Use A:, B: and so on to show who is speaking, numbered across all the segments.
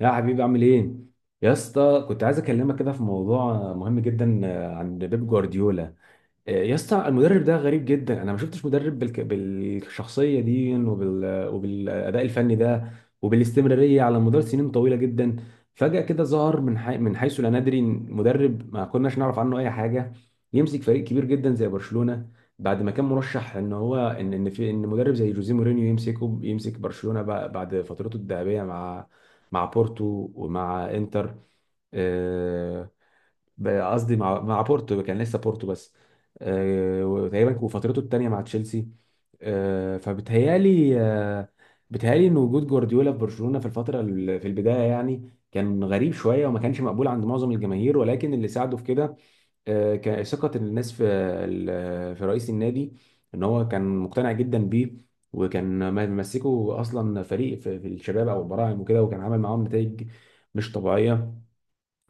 A: يا حبيبي عامل ايه؟ يا اسطى كنت عايز اكلمك كده في موضوع مهم جدا، عن بيب جوارديولا. يا اسطى المدرب ده غريب جدا، انا ما شفتش مدرب بالشخصيه دي وبالاداء الفني ده، وبالاستمراريه على مدار سنين طويله جدا. فجاه كده ظهر من حيث لا ندري مدرب ما كناش نعرف عنه اي حاجه، يمسك فريق كبير جدا زي برشلونه، بعد ما كان مرشح ان هو ان في ان مدرب زي جوزيه مورينيو يمسك برشلونه بعد فترته الذهبيه مع بورتو ومع انتر. آه، قصدي مع بورتو، كان لسه بورتو بس. وتقريبا وفترته الثانيه مع تشيلسي. فبتهيالي، بتهيالي ان وجود جوارديولا في برشلونه في الفتره في البدايه يعني كان غريب شويه، وما كانش مقبول عند معظم الجماهير، ولكن اللي ساعده في كده كان ثقه الناس في في رئيس النادي، ان هو كان مقتنع جدا بيه، وكان ممسكه اصلا فريق في الشباب او البراعم وكده، وكان عامل معاهم نتائج مش طبيعيه.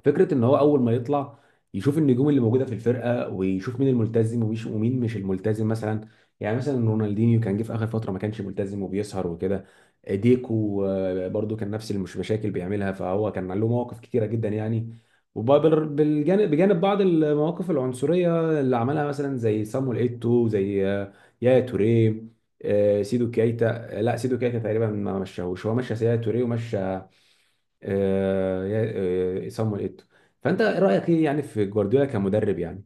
A: فكره ان هو اول ما يطلع يشوف النجوم اللي موجوده في الفرقه ويشوف مين الملتزم ومين مش الملتزم مثلا. يعني مثلا رونالدينيو كان جه في اخر فتره ما كانش ملتزم وبيسهر وكده، ديكو برضو كان نفس المشاكل بيعملها، فهو كان له مواقف كتيره جدا يعني، وبجانب بعض المواقف العنصريه اللي عملها، مثلا زي صامويل ايتو، زي يايا توريه، سيدو كايتا. لا سيدو كايتا تقريبا ما مشاهوش، هو مشى يايا توريه ومشى آه، يا- صامويل ايتو. فانت ايه رايك ايه يعني في جوارديولا كمدرب يعني.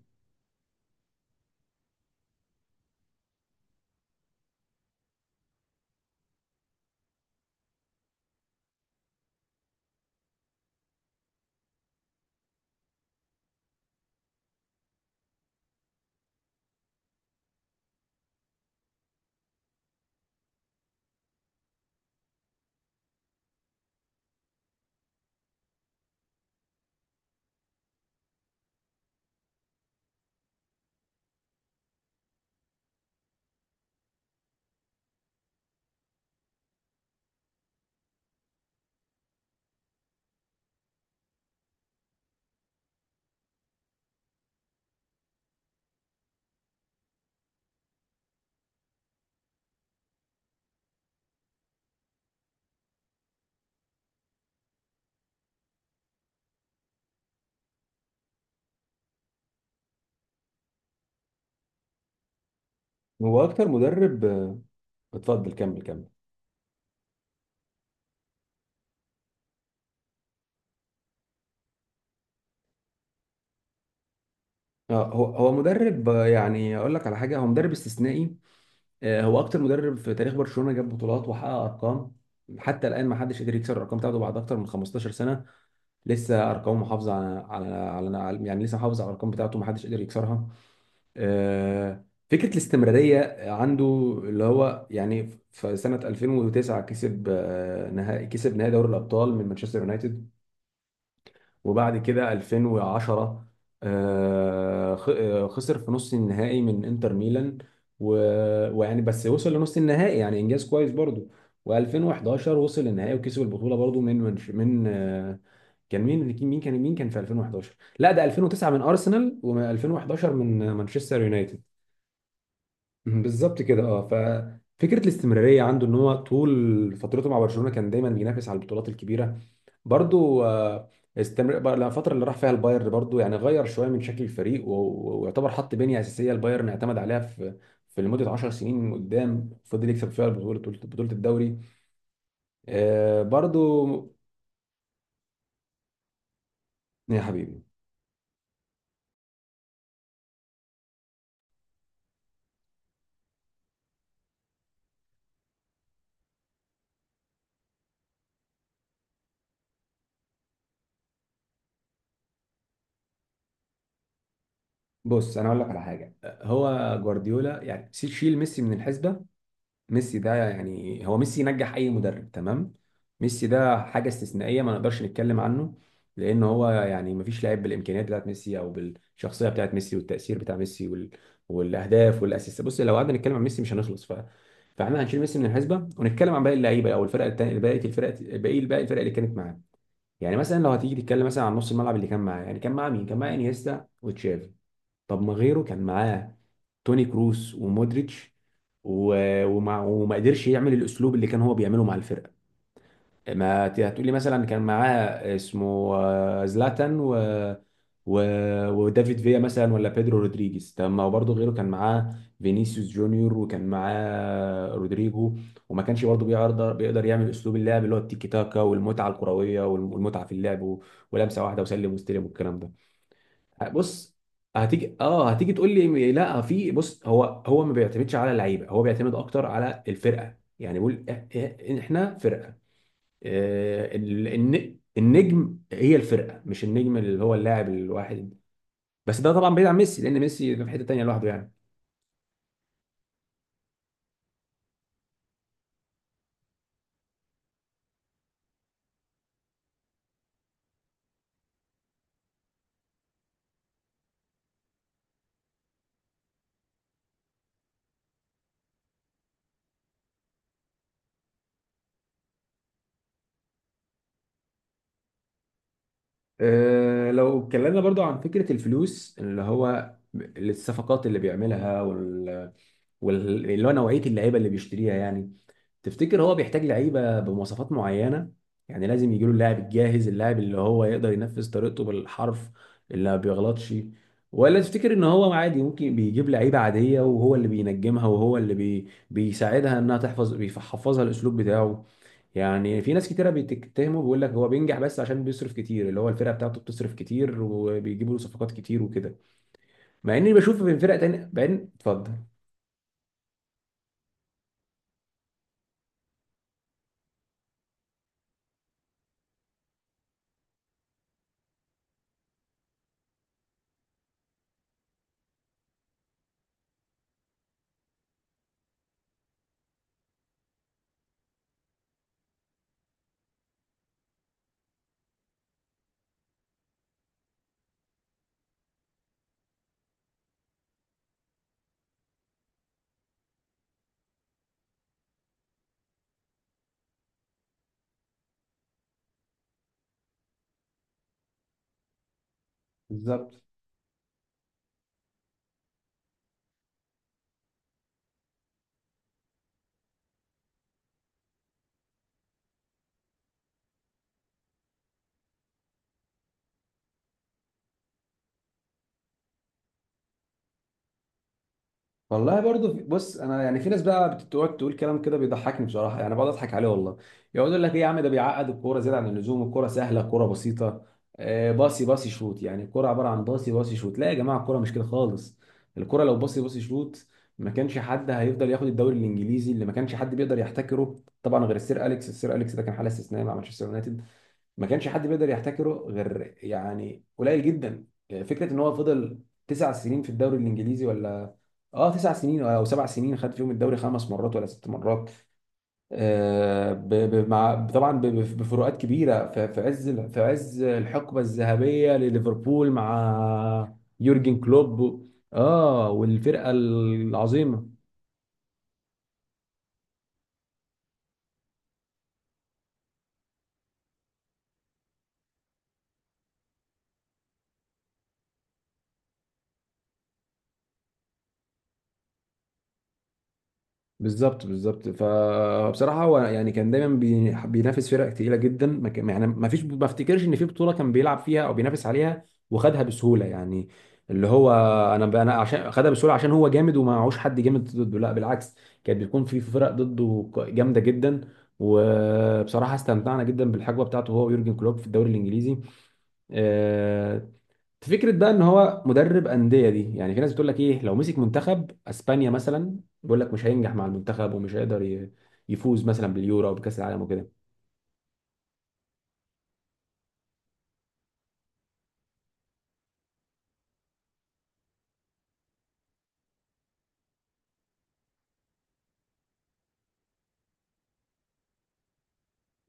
A: هو اكتر مدرب، اتفضل كمل كمل. اه هو مدرب، يعني اقول لك على حاجه، هو مدرب استثنائي. هو اكتر مدرب في تاريخ برشلونه جاب بطولات وحقق ارقام. حتى الان ما حدش قدر يكسر الارقام بتاعته بعد اكتر من 15 سنه. لسه ارقامه محافظه يعني لسه محافظ على الارقام بتاعته، ما حدش قدر يكسرها. آه، فكرة الاستمرارية عنده، اللي هو يعني في سنة 2009 كسب نهائي دوري الأبطال من مانشستر يونايتد، وبعد كده 2010 خسر في نص النهائي من انتر ميلان، ويعني بس وصل لنص النهائي يعني إنجاز كويس برضه. و2011 وصل للنهائي وكسب البطولة برضه من منش- من آه، كان مين مين كان مين كان في 2011؟ لا ده 2009 من أرسنال و2011 من مانشستر يونايتد. بالظبط كده. اه ففكره الاستمراريه عنده ان هو طول فترته مع برشلونه كان دايما بينافس على البطولات الكبيره برضو. استمر بقى الفتره اللي راح فيها البايرن برضو، يعني غير شويه من شكل الفريق ويعتبر حط بنيه اساسيه البايرن اعتمد عليها في لمده 10 سنين قدام، فضل يكسب فيها بطوله الدوري. برضو. يا حبيبي، بص انا اقول لك على حاجه، هو جوارديولا يعني شيل ميسي من الحسبه. ميسي ده يعني هو ميسي ينجح اي مدرب، تمام؟ ميسي ده حاجه استثنائيه ما نقدرش نتكلم عنه، لان هو يعني ما فيش لاعب بالامكانيات بتاعت ميسي او بالشخصيه بتاعت ميسي والتاثير بتاع ميسي والاهداف والاسيستات. بص لو قعدنا نتكلم عن ميسي مش هنخلص، فاحنا هنشيل ميسي من الحسبه ونتكلم عن باقي اللعيبه او الفرق التانيه، باقي الفرق اللي كانت معاه. يعني مثلا لو هتيجي تتكلم مثلا عن نص الملعب اللي كان معاه، يعني كان معاه مين؟ كان معاه انيستا وتشافي. طب ما غيره كان معاه توني كروس ومودريتش، وما قدرش يعمل الاسلوب اللي كان هو بيعمله مع الفرقه. ما ت- هتقولي مثلا كان معاه اسمه زلاتان و... ودافيد فيا مثلا، ولا بيدرو رودريجيز، طب ما هو برضه غيره كان معاه فينيسيوس جونيور وكان معاه رودريجو، وما كانش برضه بيقدر يعمل اسلوب اللعب اللي هو التيكي تاكا والمتعه الكرويه والمتعه في اللعب ولمسه واحده وسلم واستلم والكلام ده. بص هتيجي، تقول لي لا، في بص هو ما بيعتمدش على اللعيبه، هو بيعتمد اكتر على الفرقه، يعني بيقول احنا فرقه. النجم هي الفرقه مش النجم اللي هو اللاعب الواحد. بس ده طبعا بعيد عن ميسي، لان ميسي في حته تانيه لوحده يعني. لو اتكلمنا برضو عن فكره الفلوس اللي هو الصفقات اللي بيعملها اللي هو نوعيه اللعيبه اللي بيشتريها يعني. تفتكر هو بيحتاج لعيبه بمواصفات معينه؟ يعني لازم يجيله اللاعب الجاهز، اللاعب اللي هو يقدر ينفذ طريقته بالحرف اللي ما بيغلطش؟ ولا تفتكر ان هو عادي ممكن بيجيب لعيبه عاديه وهو اللي بينجمها وهو اللي بيساعدها انها تحفظ، بيحفظها الاسلوب بتاعه؟ يعني في ناس كتيره بتتهمه بيقول لك هو بينجح بس عشان بيصرف كتير، اللي هو الفرقه بتاعته بتصرف كتير وبيجيبوا له صفقات كتير وكده، مع اني بشوف في فرق تانية. بعدين اتفضل. بالظبط. والله برضو بص انا يعني في ناس بقى بتقعد تقول كلام كده بيضحكني بصراحه، يعني بقعد اضحك عليه والله. يقعد يقول لك ايه، يا عم ده بيعقد الكوره زياده عن اللزوم، الكوره سهله الكوره بسيطه. باصي باصي شوت، يعني الكوره عباره عن باصي باصي شوت. لا يا جماعه الكوره مش كده خالص. الكوره لو باصي باصي شوت ما كانش حد هيفضل ياخد الدوري الانجليزي اللي ما كانش حد بيقدر يحتكره. طبعا غير السير اليكس ده كان حاله استثنائيه مع مانشستر يونايتد، ما كانش حد بيقدر يحتكره غير يعني قليل جدا. فكره ان هو فضل 9 سنين في الدوري الانجليزي، ولا اه 9 سنين او 7 سنين خد فيهم الدوري 5 مرات ولا 6 مرات. مع طبعا بفروقات كبيره في عز الحقبه الذهبيه لليفربول مع يورجن كلوب. اه والفرقه العظيمه. بالظبط بالظبط، فبصراحه هو يعني كان دايما بينافس فرق تقيله جدا. ما كان- يعني ما فيش، ما افتكرش ان في بطوله كان بيلعب فيها او بينافس عليها وخدها بسهوله يعني، اللي هو انا عشان خدها بسهوله عشان هو جامد وما معهوش حد جامد ضده. لا بالعكس، كانت بتكون في فرق ضده جامده جدا. وبصراحه استمتعنا جدا بالحقبه بتاعته هو ويورجن كلوب في الدوري الانجليزي. آه، فكرة بقى ان هو مدرب أندية، دي يعني في ناس بتقول لك ايه لو مسك منتخب اسبانيا مثلا، بيقول لك مش هينجح مع المنتخب ومش هيقدر يفوز مثلا باليورو او بكأس العالم وكده.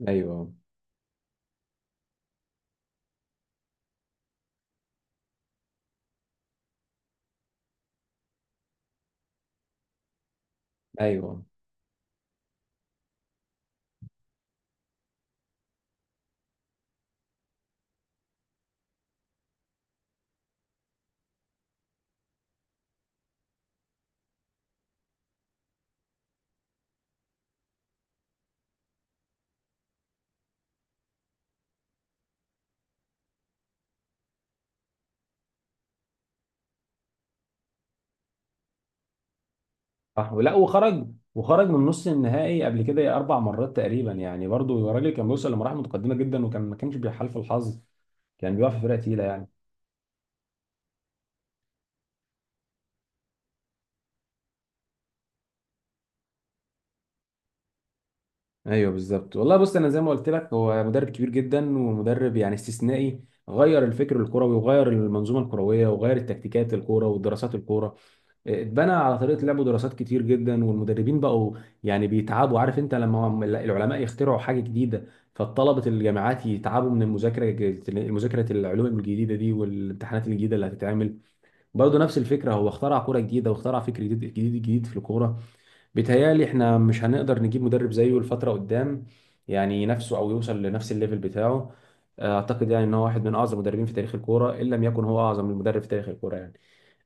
A: ايوه. ايوه. صح، لا. وخرج، وخرج من نص النهائي قبل كده 4 مرات تقريبا يعني، برضو الراجل كان بيوصل لمراحل متقدمة جدا وكان ما كانش بيحالف الحظ، كان بيقع في فرق تقيلة يعني. ايوه بالظبط، والله بص انا زي ما قلت لك هو مدرب كبير جدا ومدرب يعني استثنائي. غير الفكر الكروي وغير المنظومه الكرويه وغير التكتيكات، الكوره ودراسات الكوره اتبنى على طريقه لعبه، دراسات كتير جدا، والمدربين بقوا يعني بيتعبوا. عارف انت لما العلماء يخترعوا حاجه جديده فالطلبه الجامعات يتعبوا من المذاكره، مذاكره العلوم الجديده دي والامتحانات الجديده اللي هتتعمل؟ برضه نفس الفكره، هو اخترع كوره جديده واخترع فكر جديد جديد جديد في الكوره. بيتهيألي احنا مش هنقدر نجيب مدرب زيه الفترة قدام، يعني نفسه او يوصل لنفس الليفل بتاعه. اعتقد يعني ان هو واحد من اعظم المدربين في تاريخ الكوره، ان لم يكن هو اعظم المدرب في تاريخ الكوره يعني.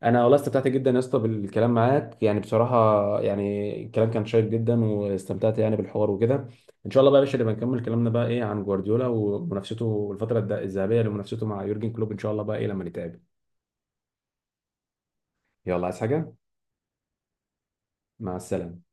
A: انا والله استمتعت جدا يا اسطى بالكلام معاك يعني بصراحه، يعني الكلام كان شيق جدا واستمتعت يعني بالحوار وكده. ان شاء الله بقى يا باشا نبقى نكمل كلامنا بقى ايه عن جوارديولا ومنافسته، الفتره الذهبيه لمنافسته مع يورجن كلوب، ان شاء الله بقى ايه لما نتقابل. يلا، عايز حاجه؟ مع السلامه.